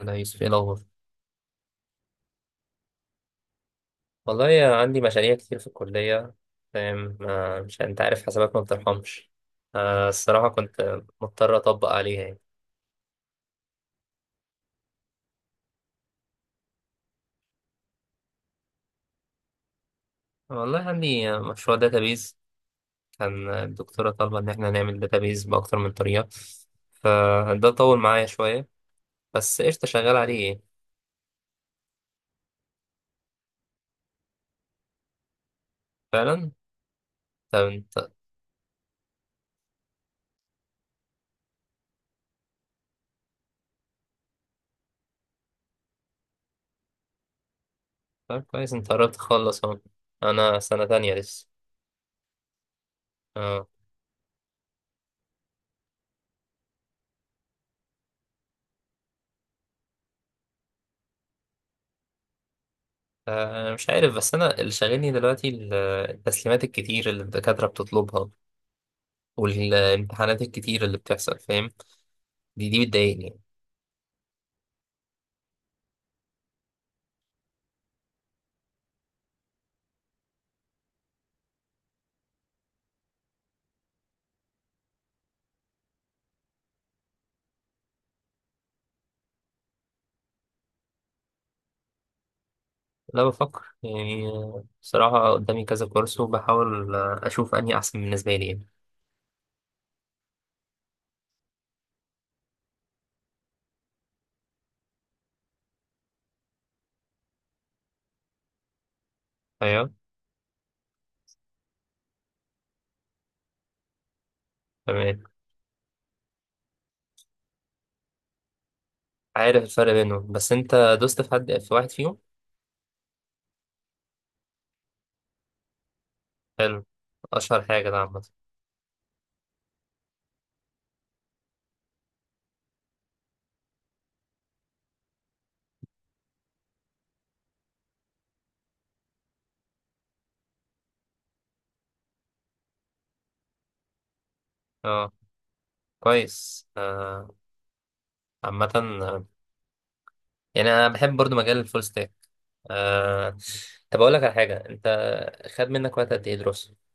انا يوسف، ايه الاخبار؟ والله يا عندي مشاريع كتير في الكليه. فاهم؟ مش انت عارف حسابات ما بترحمش. الصراحه كنت مضطر اطبق عليها يعني. والله عندي مشروع داتابيز. كان الدكتوره طالبه ان احنا نعمل داتابيز باكتر من طريقه. فده طول معايا شويه، بس قشطه شغال عليه يعني. فعلا. طب انت. طب كويس، انت قربت تخلص اهو. انا سنه تانية لسه. اه. مش عارف، بس انا اللي شاغلني دلوقتي التسليمات الكتير اللي الدكاتره بتطلبها والامتحانات الكتير اللي بتحصل. فاهم؟ دي بتضايقني يعني. لا بفكر يعني. بصراحة قدامي كذا كورس، وبحاول أشوف أنهي أحسن بالنسبة لي يعني. أيوه. تمام. عارف الفرق بينهم، بس أنت دوست في حد، في واحد فيهم؟ حلو. أشهر حاجة ده عامة. أه. كويس عامة آه، يعني أنا بحب برضو مجال الفول ستاك. آه، طب أقول لك على حاجة. أنت خد منك وقت قد إيه دراسة؟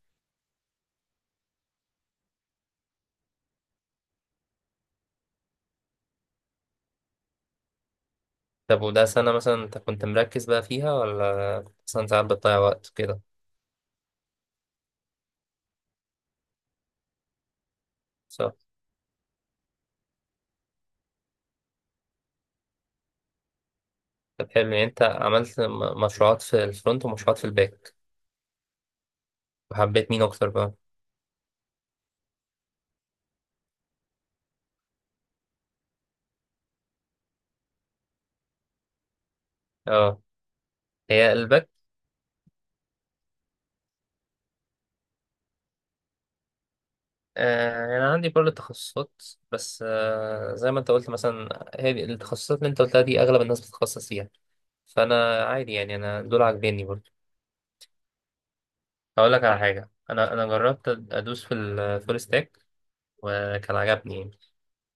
طب وده سنة مثلا أنت كنت مركز بقى فيها، ولا مثلا ساعات بتضيع وقت كده؟ صح. طب حلو، يعني انت عملت مشروعات في الفرونت ومشروعات في الباك، وحبيت مين اكتر بقى؟ اه. هي الباك. آه انا عندي برضه تخصصات، بس زي ما انت قلت مثلا هي التخصصات اللي انت قلتها دي اغلب الناس بتتخصص فيها، فانا عادي يعني انا دول عاجبيني برضه. هقول لك على حاجه، انا جربت ادوس في الفول ستاك وكان عجبني يعني.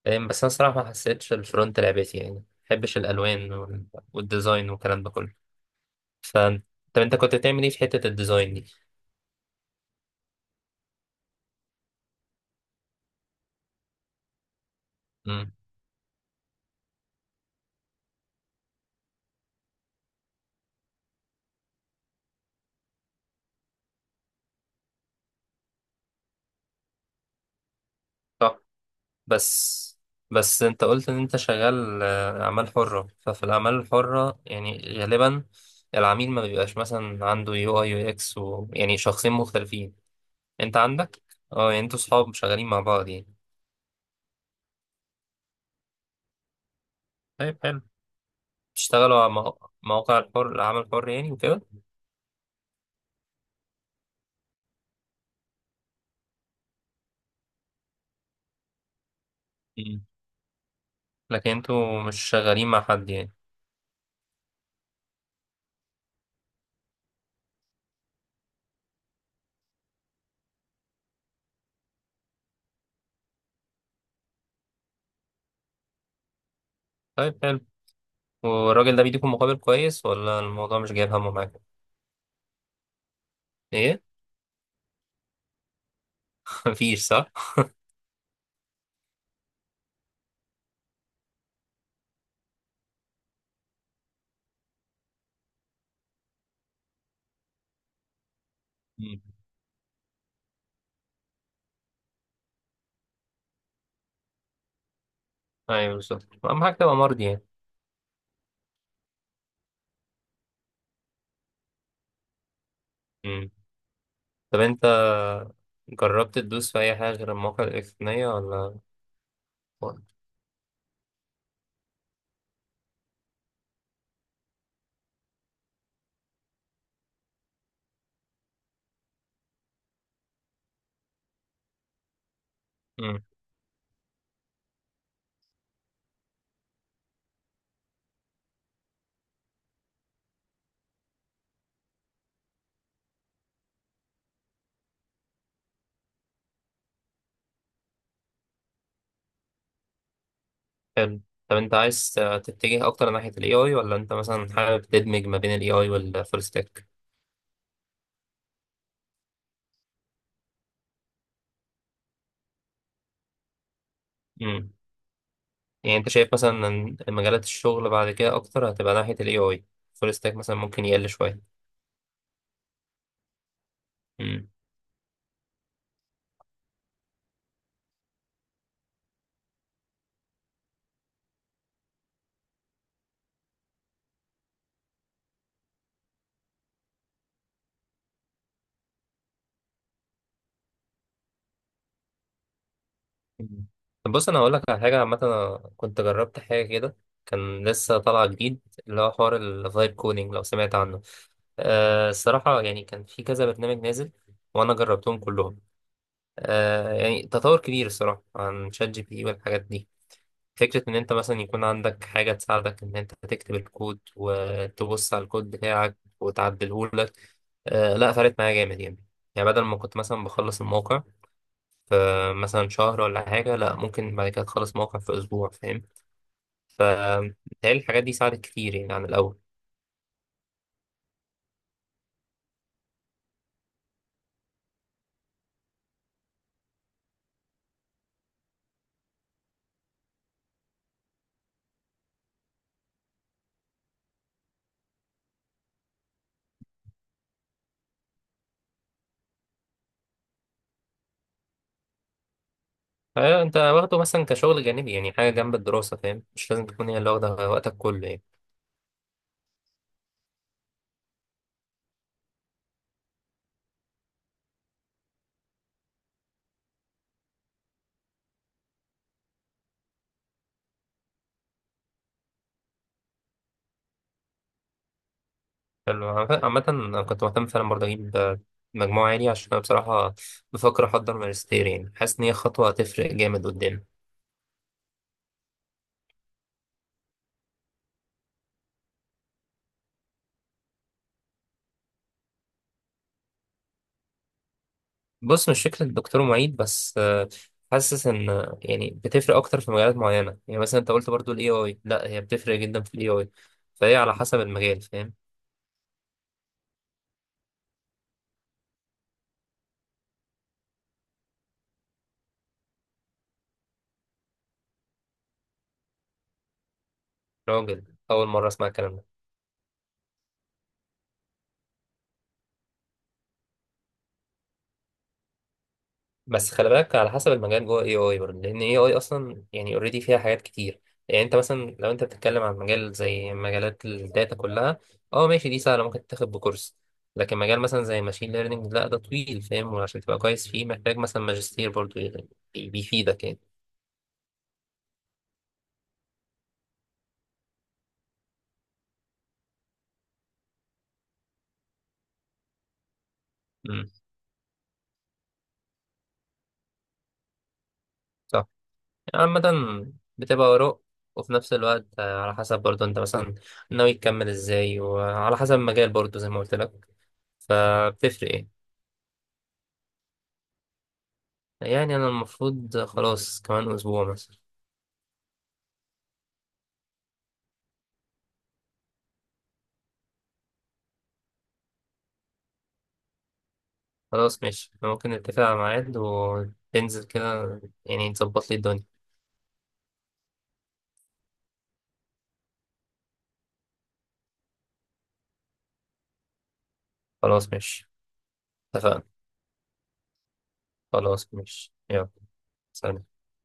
فاهم؟ بس انا صراحه ما حسيتش الفرونت لعبتي يعني، ما بحبش الالوان والديزاين والكلام ده كله. فانت. طب انت كنت بتعمل ايه في حته الديزاين دي؟ مم. صح. بس بس انت قلت ان انت شغال اعمال حرة، ففي الاعمال الحرة يعني غالبا العميل ما بيبقاش مثلا عنده يو اي يو اكس يعني شخصين مختلفين. انت عندك. اه يعني انتوا صحاب شغالين مع بعض يعني. طيب حلو. بتشتغلوا على مواقع الحر، العمل الحر يعني وكده. مم. لكن انتوا مش شغالين مع حد يعني. طيب حلو. والراجل ده بيديكم مقابل كويس، ولا الموضوع مش جايب همه معاكم؟ ايه؟ مفيش صح. مم. ايوه بالظبط، اهم حاجة تبقى مرضي يعني. طب انت جربت تدوس في اي حاجه غير المواقع الالكترونيه ولا؟ امم. حلو. طب انت عايز تتجه اكتر ناحيه الاي اي، ولا انت مثلا حابب تدمج ما بين الاي اي والفول ستاك؟ امم. يعني انت شايف مثلا ان مجالات الشغل بعد كده اكتر هتبقى ناحيه الاي اي، فول ستاك مثلا ممكن يقل شويه؟ مم. مم. طب بص، انا هقول لك على حاجه عامه انا كنت جربت حاجه كده، كان لسه طالع جديد، اللي هو حوار الفايب كودينج لو سمعت عنه. الصراحه يعني كان في كذا برنامج نازل، وانا جربتهم كلهم. يعني تطور كبير الصراحه عن شات جي بي تي والحاجات دي. فكره ان انت مثلا يكون عندك حاجه تساعدك ان انت تكتب الكود وتبص على الكود بتاعك وتعدله لك. لا فرقت معايا جامد يعني. يعني بدل ما كنت مثلا بخلص الموقع فمثلا شهر ولا حاجة، لا ممكن بعد كده تخلص موقع في أسبوع. فاهم؟ فبتهيألي الحاجات دي ساعدت كتير يعني عن الأول. فأنت واخده مثلا كشغل جانبي يعني، حاجة جنب الدراسة. فاهم؟ مش لازم تكون هي اللي واخدة وقتك كله يعني. حلو. عامة عامة أنا كنت مهتم فعلا برضه أجيب مجموعة عالية، عشان أنا بصراحة بفكر أحضر ماجستير، يعني حاسس إن هي خطوة هتفرق جامد قدام. بص، مش فكرة دكتور معيد بس. حاسس ان يعني بتفرق اكتر في مجالات معينة. يعني مثلا انت قلت برضو الاي اي، لا هي بتفرق جدا في الاي اي، فهي على حسب المجال. فاهم؟ راجل، اول مرة اسمع الكلام ده. بس خلي بالك على حسب المجال جوه اي اي برضه، لان اي اي اصلا يعني اوريدي فيها حاجات كتير. يعني انت مثلا لو انت بتتكلم عن مجال زي مجالات الداتا كلها، اه ماشي، دي سهلة ممكن تاخد بكورس. لكن مجال مثلا زي ماشين ليرنينج، لا ده طويل. فاهم؟ وعشان تبقى كويس فيه محتاج مثلا ماجستير برضه يعني، بيفيدك يعني. صح. يعني عامة بتبقى آراء، وفي نفس الوقت على حسب برضو انت مثلا ناوي تكمل ازاي، وعلى حسب المجال برضو زي ما قلت لك، فبتفرق. ايه يعني؟ انا المفروض خلاص كمان اسبوع مثلا. خلاص ماشي، إحنا ممكن نتفق على ميعاد وتنزل كده يعني تظبط لي الدنيا. خلاص ماشي اتفقنا. خلاص ماشي يلا. سلام.